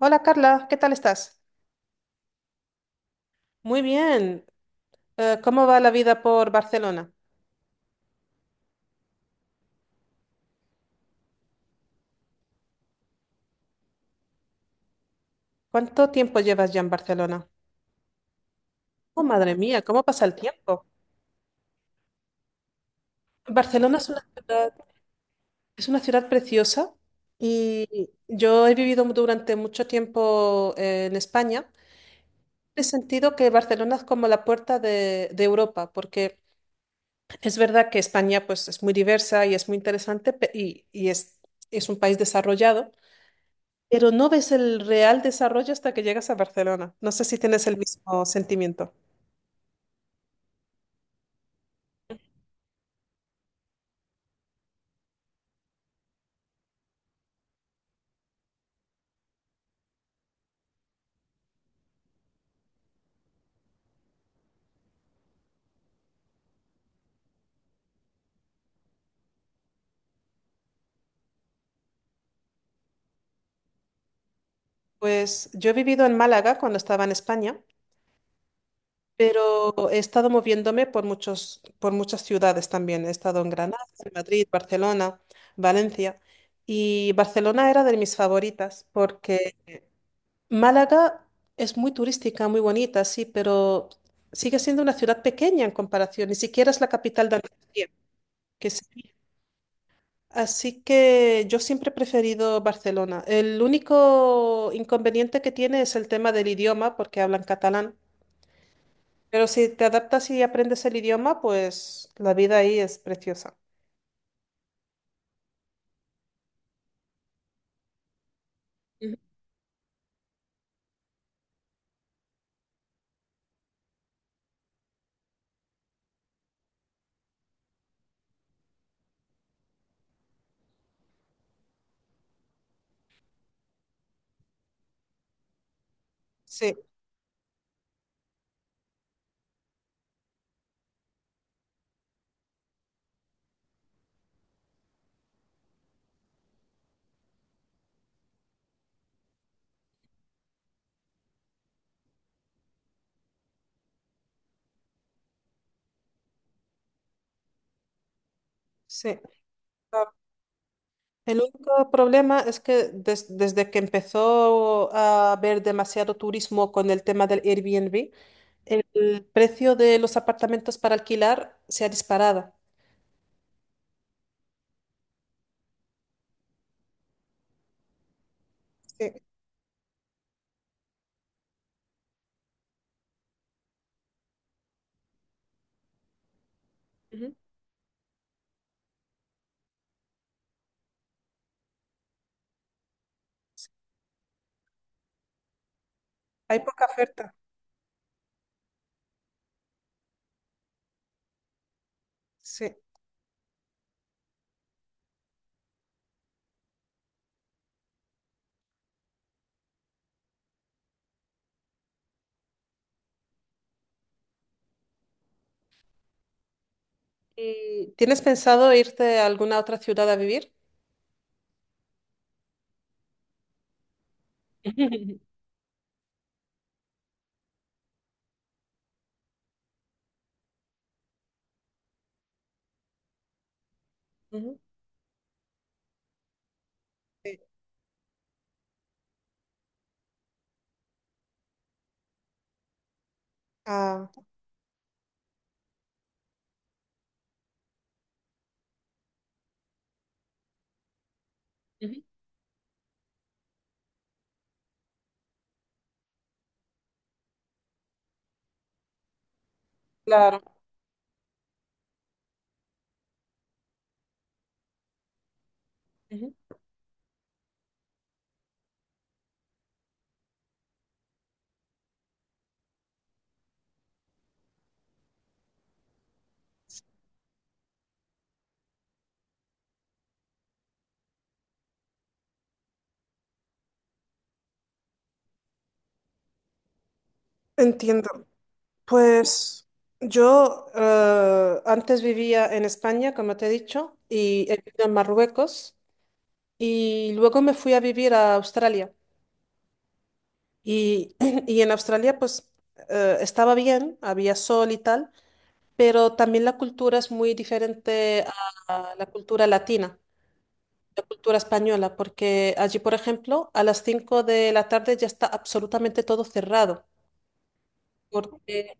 Hola Carla, ¿qué tal estás? Muy bien. ¿Cómo va la vida por Barcelona? ¿Cuánto tiempo llevas ya en Barcelona? Oh, madre mía, ¿cómo pasa el tiempo? Barcelona es una ciudad preciosa y yo he vivido durante mucho tiempo en España. He sentido que Barcelona es como la puerta de Europa, porque es verdad que España pues, es muy diversa y es muy interesante es un país desarrollado. Pero no ves el real desarrollo hasta que llegas a Barcelona. No sé si tienes el mismo sentimiento. Pues yo he vivido en Málaga cuando estaba en España, pero he estado moviéndome por muchas ciudades también. He estado en Granada, en Madrid, Barcelona, Valencia. Y Barcelona era de mis favoritas porque Málaga es muy turística, muy bonita, sí, pero sigue siendo una ciudad pequeña en comparación. Ni siquiera es la capital de Andalucía, que es Así que yo siempre he preferido Barcelona. El único inconveniente que tiene es el tema del idioma, porque hablan catalán. Pero si te adaptas y aprendes el idioma, pues la vida ahí es preciosa. Ujú. Sí, sí. Ah, el único problema es que desde que empezó a haber demasiado turismo con el tema del Airbnb, el precio de los apartamentos para alquilar se ha disparado. Sí. Ujú. Hay poca oferta. Sí. ¿Y tienes pensado irte a alguna otra ciudad a vivir? Ujú. Ah, ujú, claro. Ujú. Entiendo. Pues yo antes vivía en España, como te he dicho, y he vivido en Marruecos, y luego me fui a vivir a Australia. Y, y en Australia pues estaba bien, había sol y tal, pero también la cultura es muy diferente a la cultura latina, la cultura española, porque allí, por ejemplo, a las 5 de la tarde ya está absolutamente todo cerrado, porque,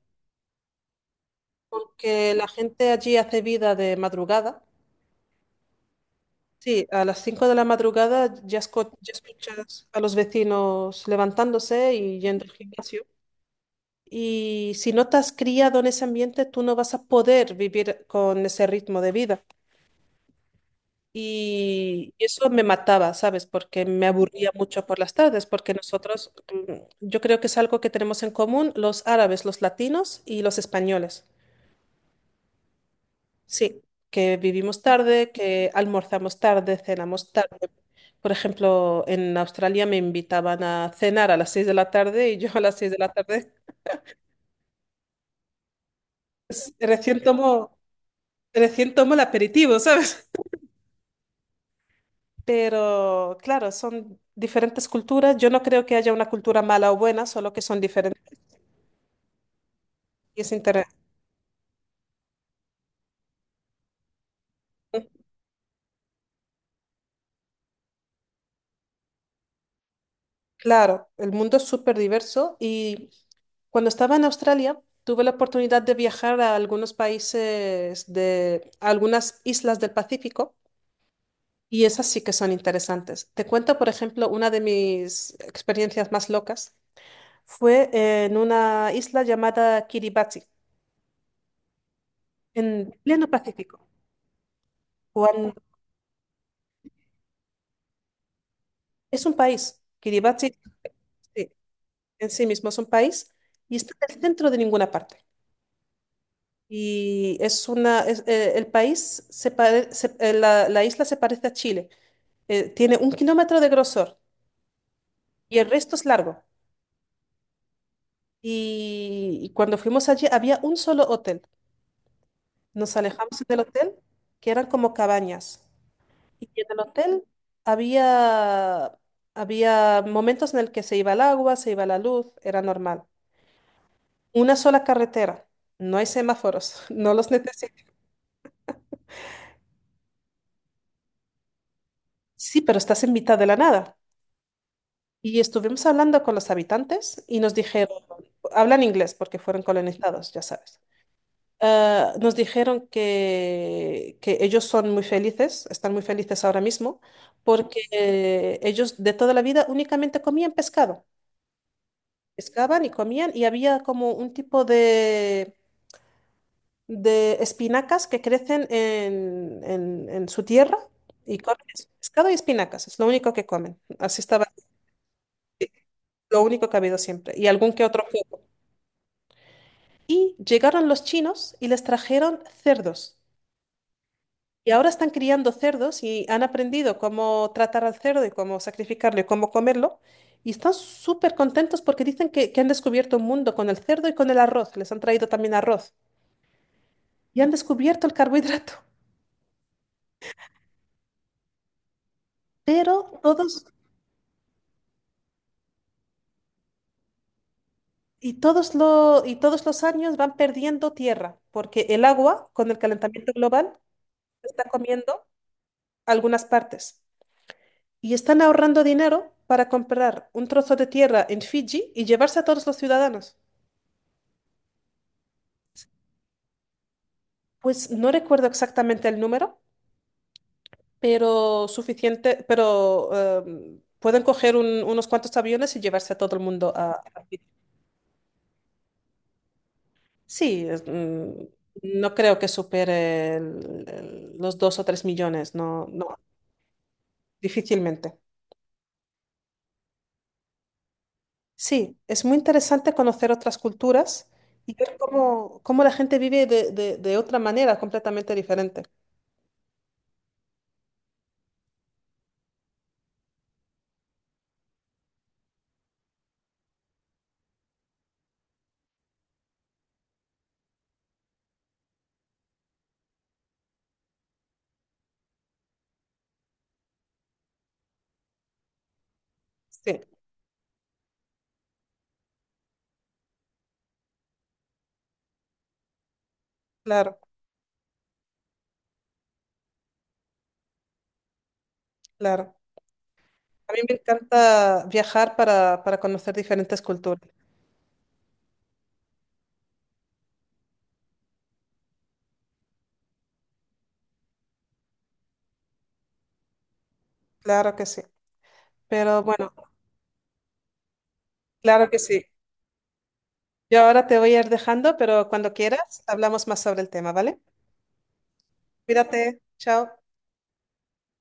porque la gente allí hace vida de madrugada. Sí, a las 5 de la madrugada ya escuchas a los vecinos levantándose y yendo al gimnasio. Y si no te has criado en ese ambiente, tú no vas a poder vivir con ese ritmo de vida. Y eso me mataba, ¿sabes? Porque me aburría mucho por las tardes, porque nosotros, yo creo que es algo que tenemos en común los árabes, los latinos y los españoles. Sí, que vivimos tarde, que almorzamos tarde, cenamos tarde. Por ejemplo, en Australia me invitaban a cenar a las 6 de la tarde y yo a las 6 de la tarde pues, recién tomo el aperitivo, ¿sabes? Pero claro, son diferentes culturas. Yo no creo que haya una cultura mala o buena, solo que son diferentes. Y es inter- Claro, el mundo es súper diverso y cuando estaba en Australia tuve la oportunidad de viajar a algunos países de a algunas islas del Pacífico y esas sí que son interesantes. Te cuento, por ejemplo, una de mis experiencias más locas fue en una isla llamada Kiribati, en pleno Pacífico. Cuando- es un país, Kiribati, sí, en sí mismo es un país y está en el centro de ninguna parte. Y es una, es, el país, La isla se parece a Chile. Tiene 1 kilómetro de grosor y el resto es largo. Y cuando fuimos allí había un solo hotel. Nos alejamos del hotel, que eran como cabañas. Y en el hotel había, había momentos en el que se iba el agua, se iba la luz, era normal. Una sola carretera, no hay semáforos, no los necesitas. Sí, pero estás en mitad de la nada. Y estuvimos hablando con los habitantes y nos dijeron, hablan inglés porque fueron colonizados, ya sabes. Ah, nos dijeron que ellos son muy felices, están muy felices ahora mismo, porque ellos de toda la vida únicamente comían pescado. Pescaban y comían y había como un tipo de espinacas que crecen en su tierra y comen eso, pescado y espinacas, es lo único que comen. Así estaba, lo único que ha habido siempre. Y algún que otro Y llegaron los chinos y les trajeron cerdos. Y ahora están criando cerdos y han aprendido cómo tratar al cerdo y cómo sacrificarlo y cómo comerlo. Y están súper contentos porque dicen que han descubierto un mundo con el cerdo y con el arroz. Les han traído también arroz. Y han descubierto el carbohidrato. Pero todos, y todos, lo, y todos los años van perdiendo tierra porque el agua, con el calentamiento global, está comiendo algunas partes. Y están ahorrando dinero para comprar un trozo de tierra en Fiji y llevarse a todos los ciudadanos. Pues no recuerdo exactamente el número, pero suficiente, pero pueden coger unos cuantos aviones y llevarse a todo el mundo a Fiji. Sí, no creo que supere los 2 o 3 millones, no, no, difícilmente. Sí, es muy interesante conocer otras culturas y ver cómo la gente vive de otra manera completamente diferente. Sí. Claro, claro. A mí me encanta viajar para conocer diferentes culturas. Claro que sí. Pero bueno, claro que sí. Yo ahora te voy a ir dejando, pero cuando quieras hablamos más sobre el tema, ¿vale? Cuídate. Chao.